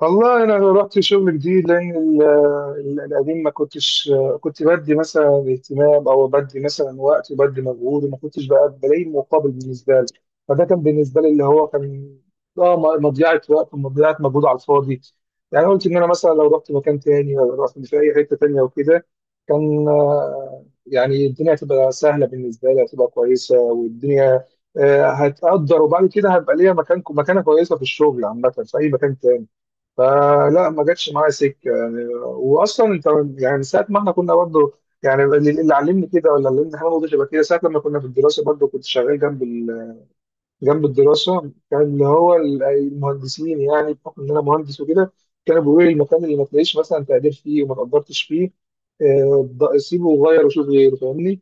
والله انا رحت شغل جديد لان القديم ما كنتش كنت بدي مثلا اهتمام او بدي مثلا وقت وبدي مجهود، وما كنتش بقى بلاقي مقابل بالنسبه لي. فده كان بالنسبه لي اللي هو كان مضيعه وقت ومضيعه مجهود على الفاضي. يعني قلت ان انا مثلا لو رحت مكان تاني ولا رحت في اي حته تانيه وكده، كان آه، يعني الدنيا هتبقى سهله بالنسبه لي، هتبقى كويسه، والدنيا آه، هتقدر. وبعد كده هبقى ليا مكان، مكانه كويسه في الشغل عامه في اي مكان تاني. فلا ما جاتش معايا سكه. يعني واصلا انت، يعني ساعه ما احنا كنا برضه، يعني اللي علمني كده، ولا اللي علمني حاجه برضه شبه كده ساعه لما كنا في الدراسه، برضه كنت شغال جنب جنب الدراسه، كان اللي هو المهندسين. يعني بحكم ان انا مهندس وكده، كانوا بيقولوا لي المكان اللي ما تلاقيش مثلا تقدير فيه وما تقدرتش فيه، آه، سيبه وغير وشوف غيره. فاهمني؟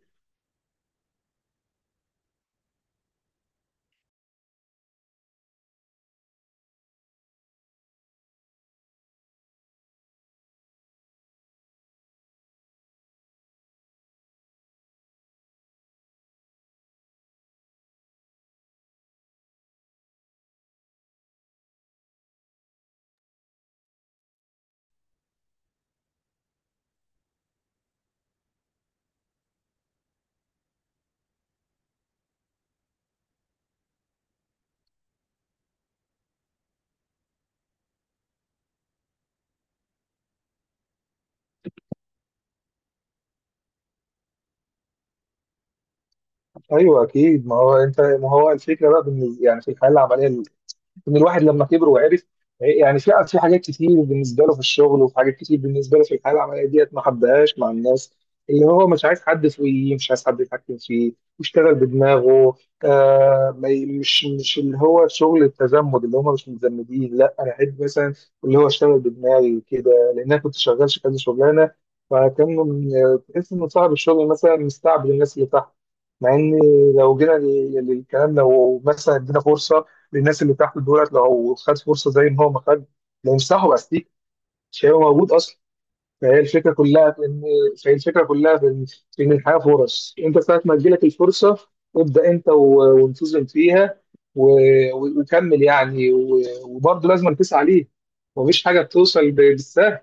ايوه اكيد. ما هو انت، ما هو الفكره بقى بالنسبه يعني في الحياه العمليه، ان الواحد لما كبر وعرف، يعني في حاجات كتير بالنسبه له في الشغل، وفي حاجات كتير بالنسبه له في الحياه العمليه ديت ما حبهاش مع الناس. اللي هو مش عايز حد فوقيه، مش عايز حد يتحكم فيه، يشتغل بدماغه. آه، ما ي- مش اللي هو شغل التزمت اللي هم مش متزمدين. لا، انا احب مثلا اللي هو اشتغل بدماغي وكده. لان انا كنت شغال كذا شغلانه، فكان تحس ان صاحب الشغل مثلا مستعبد الناس اللي تحت. مع ان لو جينا للكلام، لو مثلا ادينا فرصه للناس اللي تحت دولت، لو خد فرصه زي ما هو ما خد، لو مسحوا استيك مش هيبقى موجود اصلا. فهي الفكره كلها في ان فهي الفكره كلها في ان في ان الحياه فرص. انت ساعه ما تجيلك الفرصه، ابدا انت وانتظم فيها، وكمل يعني، وبرضه لازم تسعى ليه. مفيش حاجه بتوصل بالسهل.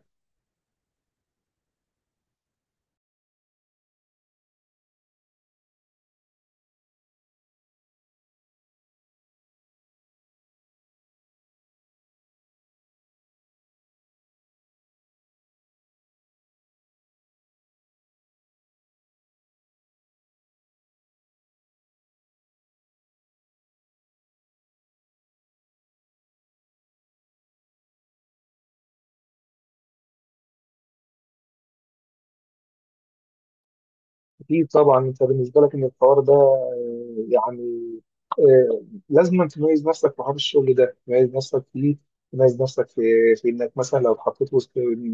أكيد طبعا. أنت بالنسبة لك إن الحوار ده آه، يعني، آه، لازم أن تميز نفسك في حوار الشغل ده، تميز نفسك فيه، تميز نفسك في إنك مثلا لو اتحطيت وسط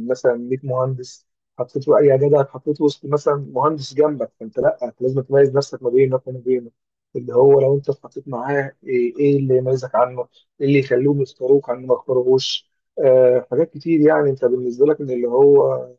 مثلا 100 مهندس، حطيت له أي جدع اتحطيت وسط مثلا مهندس جنبك، فأنت لأ لازم تميز نفسك ما بينك وما بينه. اللي هو لو أنت اتحطيت معاه، إيه اللي يميزك عنه؟ إيه اللي يخليهم يختاروك عنه ما يختاروهوش؟ آه، حاجات كتير. يعني أنت بالنسبة لك إن اللي هو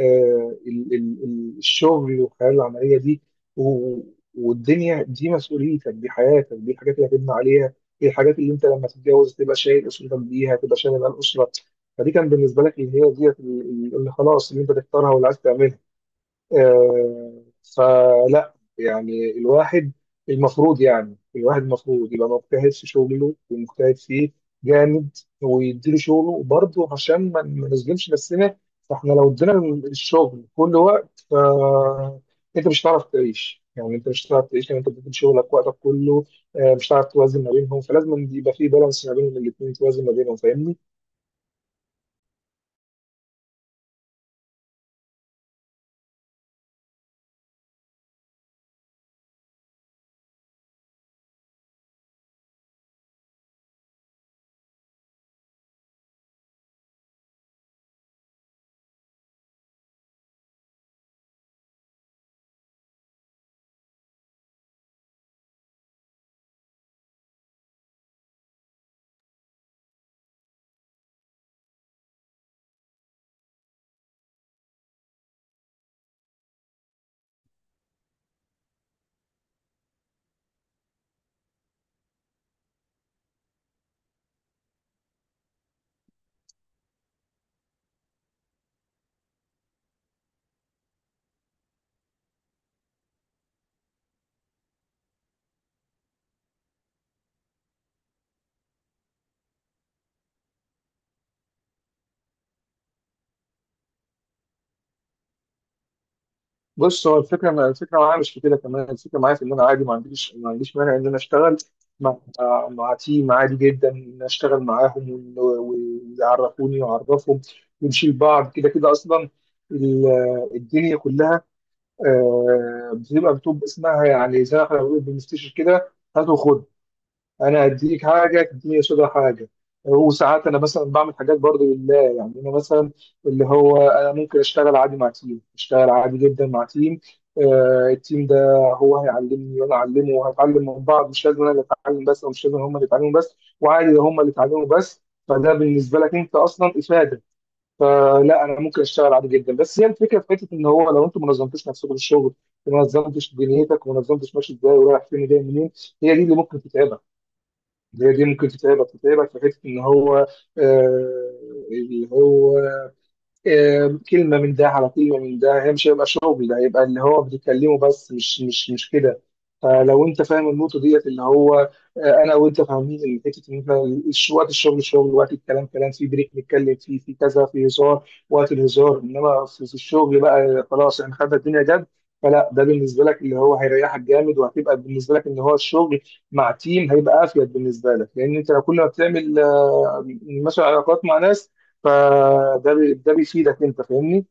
آه، الشغل والحياه العمليه دي و- والدنيا دي مسؤوليتك، دي حياتك، دي الحاجات اللي هتبني عليها، دي الحاجات اللي انت لما تتجوز تبقى شايل اسرتك بيها، تبقى شايل الاسره. فدي كان بالنسبه لك اللي هي ديت، اللي اللي خلاص اللي انت تختارها واللي عايز تعملها. آه، فلا يعني الواحد المفروض، يعني الواحد المفروض يبقى مجتهد في شغله ومجتهد فيه جامد، ويديله شغله برضه عشان ما نظلمش نفسنا. فاحنا لو ادينا الشغل كل وقت، ف انت مش هتعرف تعيش. يعني انت مش هتعرف تعيش لو انت بتدي شغلك وقتك كله. آه، مش هتعرف توازن ما بينهم، فلازم يبقى في بالانس ما بين الاثنين، توازن ما بينهم. فاهمني؟ بص، هو الفكره، ما الفكره معايا مش في كده كمان. الفكره معايا في ان انا عادي، ما عنديش مانع ان انا اشتغل مع آه، مع تيم. عادي جدا ان أنا اشتغل معاهم، ويعرفوني واعرفهم ونشيل بعض كده. كده اصلا ال- الدنيا كلها آه، بتبقى اسمها، يعني زي ما احنا بنقول بنستشير كده، هات وخد. انا اديك حاجه تديني قصادها حاجه. وساعات انا مثلا بعمل حاجات برضو لله. يعني انا مثلا اللي هو انا ممكن اشتغل عادي مع تيم، اشتغل عادي جدا مع تيم. آه، التيم ده هو هيعلمني وانا اعلمه، وهنتعلم من بعض. مش لازم انا اللي اتعلم بس، او مش لازم هم اللي يتعلموا بس، وعادي لو هم اللي اتعلموا بس. فده بالنسبه لك انت اصلا افاده. فلا انا ممكن اشتغل عادي جدا، بس هي الفكره في حته ان هو لو انت ما نظمتش نفسك في الشغل، ما نظمتش دنيتك، وما نظمتش ماشي ازاي ورايح فين وجاي منين، هي دي اللي ممكن تتعبك. هي دي ممكن تتعبك، تتعبك في حته ان هو آه، اللي هو آه، كلمة من ده على كلمة من ده، هي مش هيبقى شغل، ده هيبقى اللي هو بتتكلمه بس، مش كده. فلو انت فاهم النقطة ديت اللي هو آه، انا وانت فاهمين ان حتة ان انت وقت الشغل شغل، وقت الكلام كلام، في بريك نتكلم فيه في كذا، في هزار وقت الهزار، انما في الشغل بقى خلاص احنا خدنا الدنيا جد. فلا ده بالنسبة لك اللي هو هيريحك جامد، وهتبقى بالنسبة لك ان هو الشغل مع تيم هيبقى افيد بالنسبة لك. لان انت لو كل ما بتعمل آه، مثلا علاقات مع ناس، ده بيفيدك انت. فاهمني؟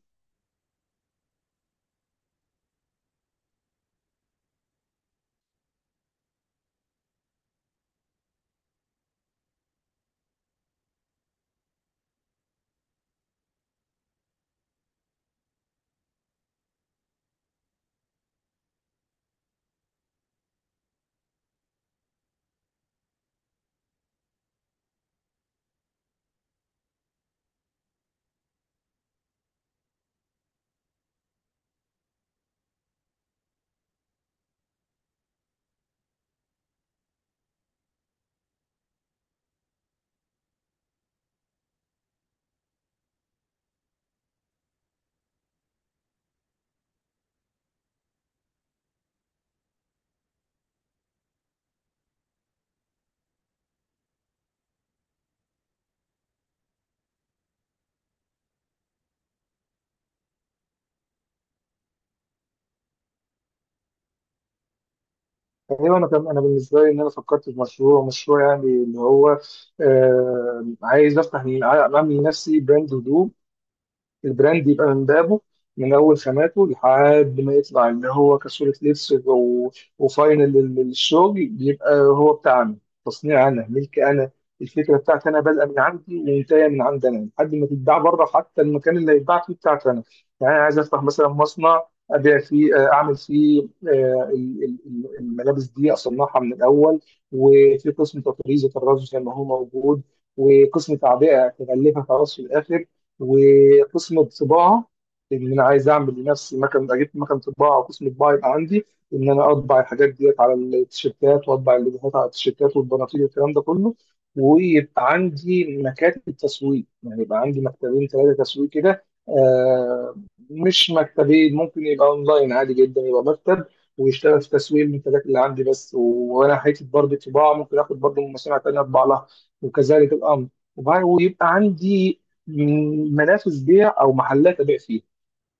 ايوه. انا كان انا بالنسبه لي، ان انا فكرت في مشروع، مشروع يعني اللي هو آه، عايز اعمل لنفسي براند هدوم. البراند يبقى من بابه، من اول خاماته لحد ما يطلع اللي هو كصوره لبس، وفاينل للشغل، بيبقى هو بتاعنا. تصنيع انا، ملك انا. الفكره بتاعتي انا، بادئه من عندي ومنتهيه من عند انا لحد ما تتباع بره. حتى المكان اللي هيتباع فيه بتاعتي انا. يعني انا عايز افتح مثلا مصنع ابيع فيه، آه، اعمل فيه آه، الملابس دي اصنعها من الاول. وفي قسم تطريز وطراز زي ما هو موجود، وقسم تعبئه تغلفها خلاص في الاخر، وقسم الطباعه. ان انا عايز اعمل لنفسي مكان، اجيب مكان طباعه، وقسم طباعه يبقى عندي، ان انا اطبع الحاجات ديت على التيشيرتات، واطبع اللوجوهات على التيشيرتات والبناطيل والكلام ده كله. ويبقى عندي مكاتب تسويق. يعني يبقى عندي مكتبين ثلاثه تسويق كده، آه، مش مكتبين، ممكن يبقى اونلاين عادي جدا، يبقى مكتب ويشتغل في تسويق المنتجات اللي عندي بس. وانا حته برضه طباعه ممكن اخد برضه من مصانع تانيه اطبع لها وكذلك الامر. ويبقى عندي منافس بيع او محلات ابيع فيها.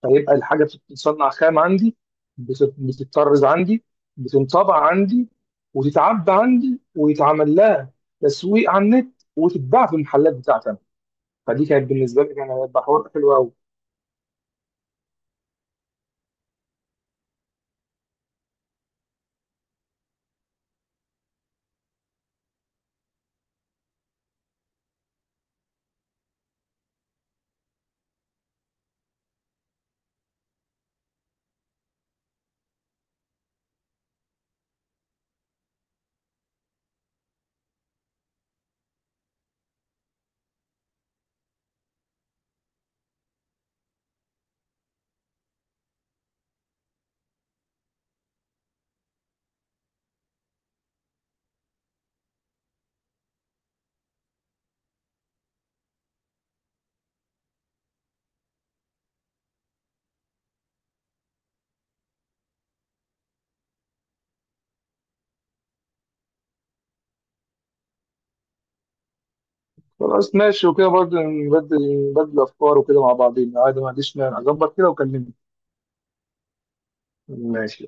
فيبقى الحاجه بتتصنع خام عندي، بتتطرز عندي، بتنطبع عندي، وتتعبى عندي، ويتعمل لها تسويق على النت، وتتباع في المحلات بتاعتي أنا. فدي كانت بالنسبه لي كانت هتبقى حوار حلو قوي. خلاص ماشي. وكده برضه نبدل، نبدل افكار وكده مع بعضين عادي، ما عنديش مانع. اظبط كده وكلمني. ماشي.